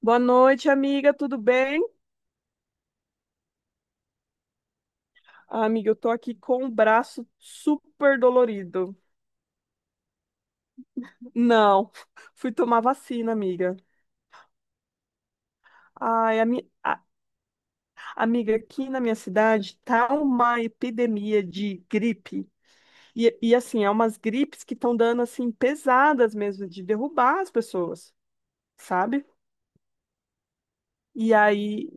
Boa noite, amiga, tudo bem? Ah, amiga, eu tô aqui com o braço super dolorido. Não, fui tomar vacina, amiga. Ai, amiga, aqui na minha cidade tá uma epidemia de gripe. E assim, é umas gripes que estão dando assim pesadas mesmo, de derrubar as pessoas, sabe? E aí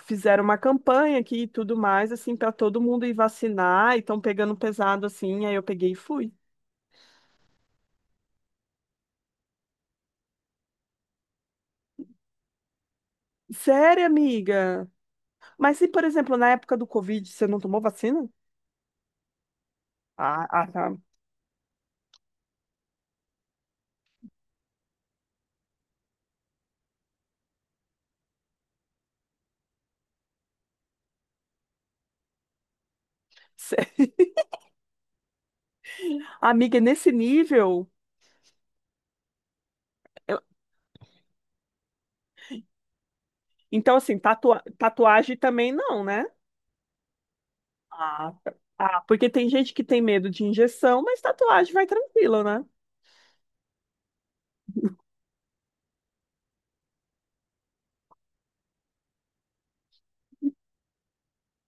fizeram uma campanha aqui e tudo mais, assim, para todo mundo ir vacinar e estão pegando pesado assim. Aí eu peguei e fui. Sério, amiga? Mas se, por exemplo, na época do Covid, você não tomou vacina? Ah, ah, tá. Cê- Amiga, é nesse nível. eu- Então, assim, tatuagem também não, né? Ah, tá. Ah, porque tem gente que tem medo de injeção, mas tatuagem vai tranquilo, né?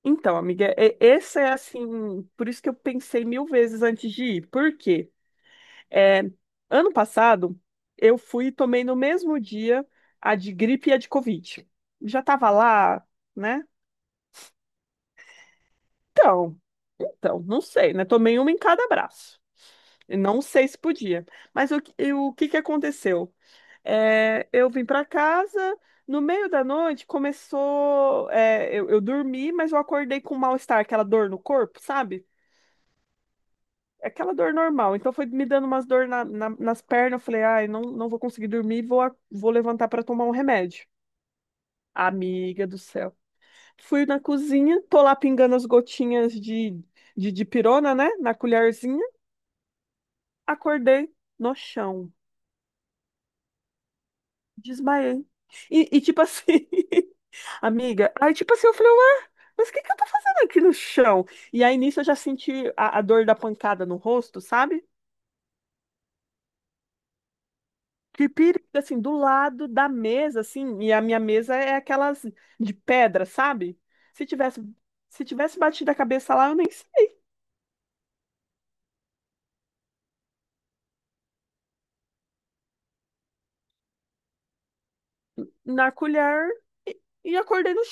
Então, amiga, esse é assim. Por isso que eu pensei mil vezes antes de ir. Por quê? É, ano passado, eu fui e tomei no mesmo dia a de gripe e a de Covid. Já tava lá, né? Então, então, não sei, né? Tomei uma em cada braço. E não sei se podia. Mas o que que aconteceu? Eu vim para casa, no meio da noite começou. Eu dormi, mas eu acordei com mal-estar, aquela dor no corpo, sabe? É, aquela dor normal. Então foi me dando umas dor nas pernas. Eu falei, ai, não, não vou conseguir dormir, vou levantar para tomar um remédio. Amiga do céu. Fui na cozinha, tô lá pingando as gotinhas de dipirona, né? Na colherzinha. Acordei no chão. Desmaiei. Tipo assim, amiga, aí tipo assim, eu falei, ué, mas o que que eu tô fazendo aqui no chão? E aí nisso eu já senti a dor da pancada no rosto, sabe? Que perigo, assim, do lado da mesa, assim, e a minha mesa é aquelas de pedra, sabe? Se tivesse, se tivesse batido a cabeça lá, eu nem sei. Na colher e acordei no...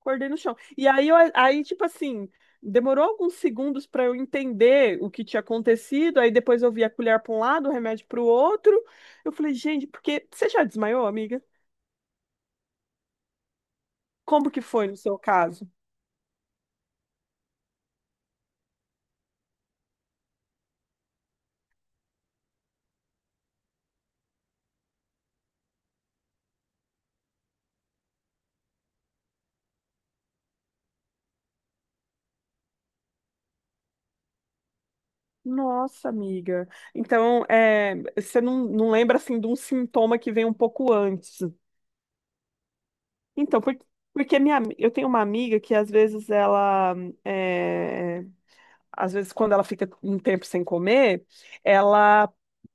Acordei no chão. E aí, aí tipo assim, demorou alguns segundos para eu entender o que tinha acontecido. Aí depois eu vi a colher para um lado, o remédio para o outro. Eu falei, gente, porque você já desmaiou, amiga? Como que foi no seu caso? Nossa, amiga. Então, é, você não, não lembra assim de um sintoma que vem um pouco antes. Então, porque minha, eu tenho uma amiga que às vezes ela, é, às vezes quando ela fica um tempo sem comer, ela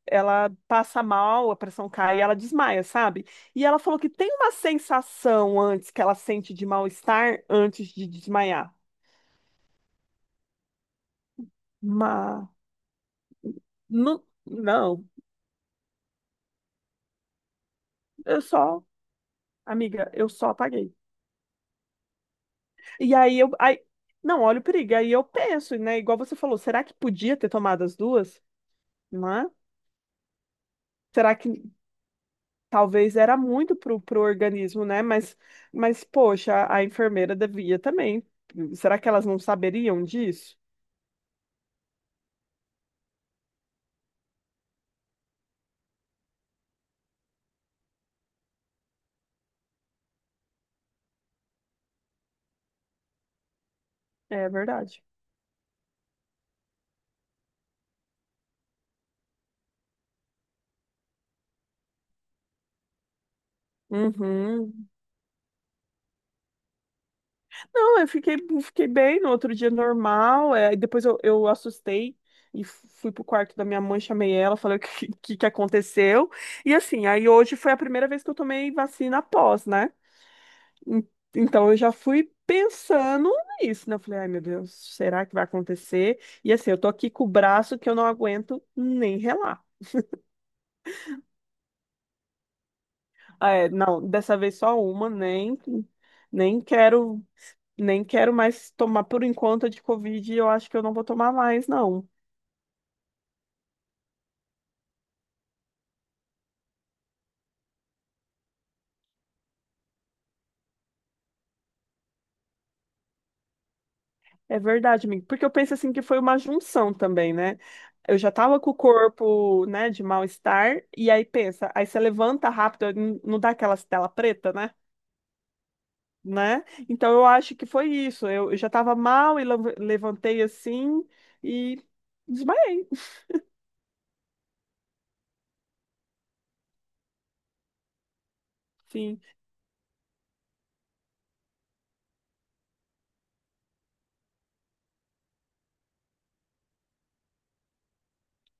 ela passa mal, a pressão cai e ela desmaia, sabe? E ela falou que tem uma sensação antes que ela sente de mal-estar antes de desmaiar. Mas não, não, eu só, amiga, eu só apaguei. E aí eu, aí, não, olha o perigo. Aí eu penso, né? Igual você falou, será que podia ter tomado as duas? Não é? Será que talvez era muito pro organismo, né? Mas poxa, a enfermeira devia também. Será que elas não saberiam disso? É verdade. Uhum. Não, eu fiquei, fiquei bem no outro dia normal. É, eu assustei e fui pro quarto da minha mãe, chamei ela, falei o que, que aconteceu. E assim, aí hoje foi a primeira vez que eu tomei vacina após, né? En- Então eu já fui pensando nisso, né? Eu falei, ai meu Deus, será que vai acontecer? E assim, eu tô aqui com o braço que eu não aguento nem relar. Ah, é, não, dessa vez só uma, nem quero. Nem quero mais tomar por enquanto a de Covid, e eu acho que eu não vou tomar mais, não. É verdade, amigo. Porque eu penso assim que foi uma junção também, né? Eu já tava com o corpo, né, de mal-estar, e aí pensa, aí você levanta rápido, não dá aquela tela preta, né? Né? Então eu acho que foi isso. Eu já tava mal e levantei assim e desmaiei. Sim.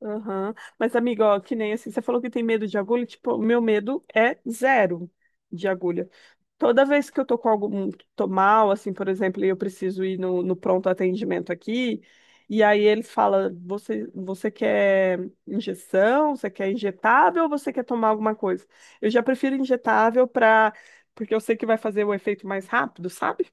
Aham. Mas, amigo, ó, que nem assim, você falou que tem medo de agulha, tipo, o meu medo é zero de agulha. Toda vez que eu tô com algum, tô mal, assim, por exemplo, e eu preciso ir no pronto atendimento aqui, e aí eles falam, você quer injeção, você quer injetável ou você quer tomar alguma coisa? Eu já prefiro injetável porque eu sei que vai fazer o efeito mais rápido, sabe?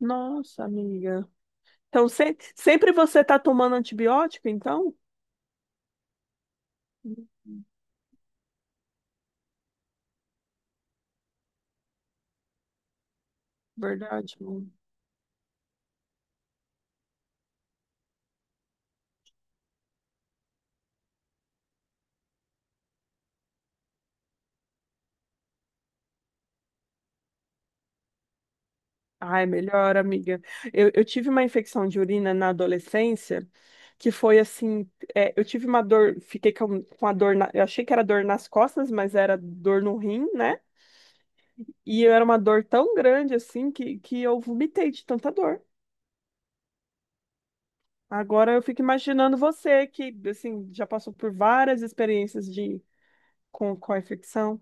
Nossa, amiga. Então, sempre você tá tomando antibiótico, então? Hum. Verdade. Ai, melhor, amiga. Eu tive uma infecção de urina na adolescência que foi assim, é, eu tive uma dor, fiquei com a dor, eu achei que era dor nas costas, mas era dor no rim, né? E era uma dor tão grande assim que eu vomitei de tanta dor. Agora eu fico imaginando você que assim já passou por várias experiências de com a infecção.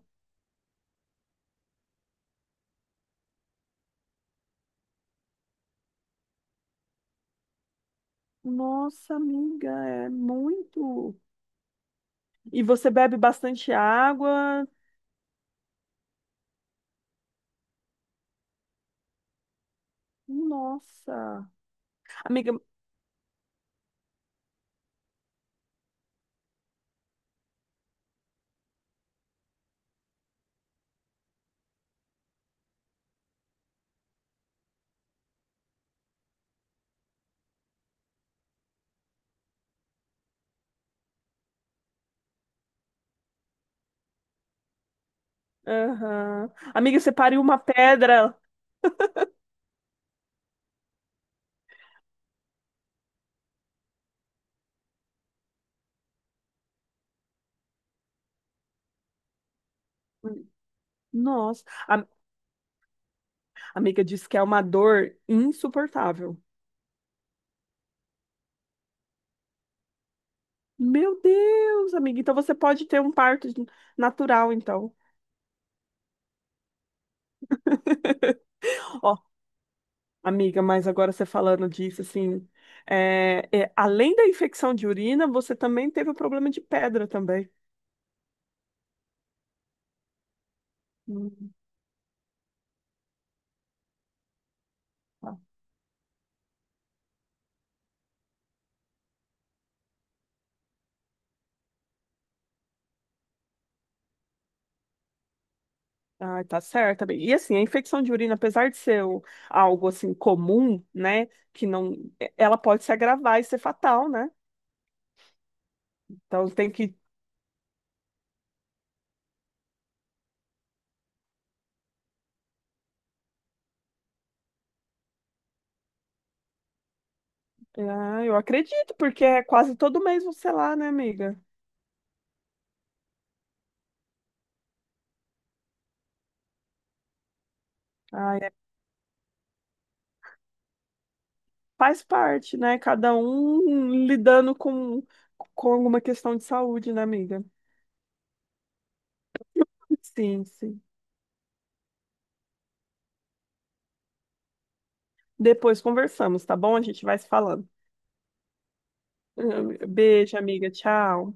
Nossa, amiga, é muito. E você bebe bastante água. Nossa. Amiga. Aham. Amiga, você pariu uma pedra. Nossa. A amiga disse que é uma dor insuportável. Meu Deus, amiga. Então você pode ter um parto natural, então. Ó, amiga, mas agora você falando disso, assim, além da infecção de urina, você também teve o problema de pedra também. Hum, tá. Ah, tá certo, bem. E assim, a infecção de urina, apesar de ser algo assim comum, né, que não, é, ela pode se agravar e ser fatal, né? Então tem que... Ah, eu acredito, porque é quase todo mês você lá, né, amiga? Ah, faz parte, né? Cada um lidando com alguma questão de saúde, né, amiga? Sim, sim. Depois conversamos, tá bom? A gente vai se falando. Beijo, amiga. Tchau.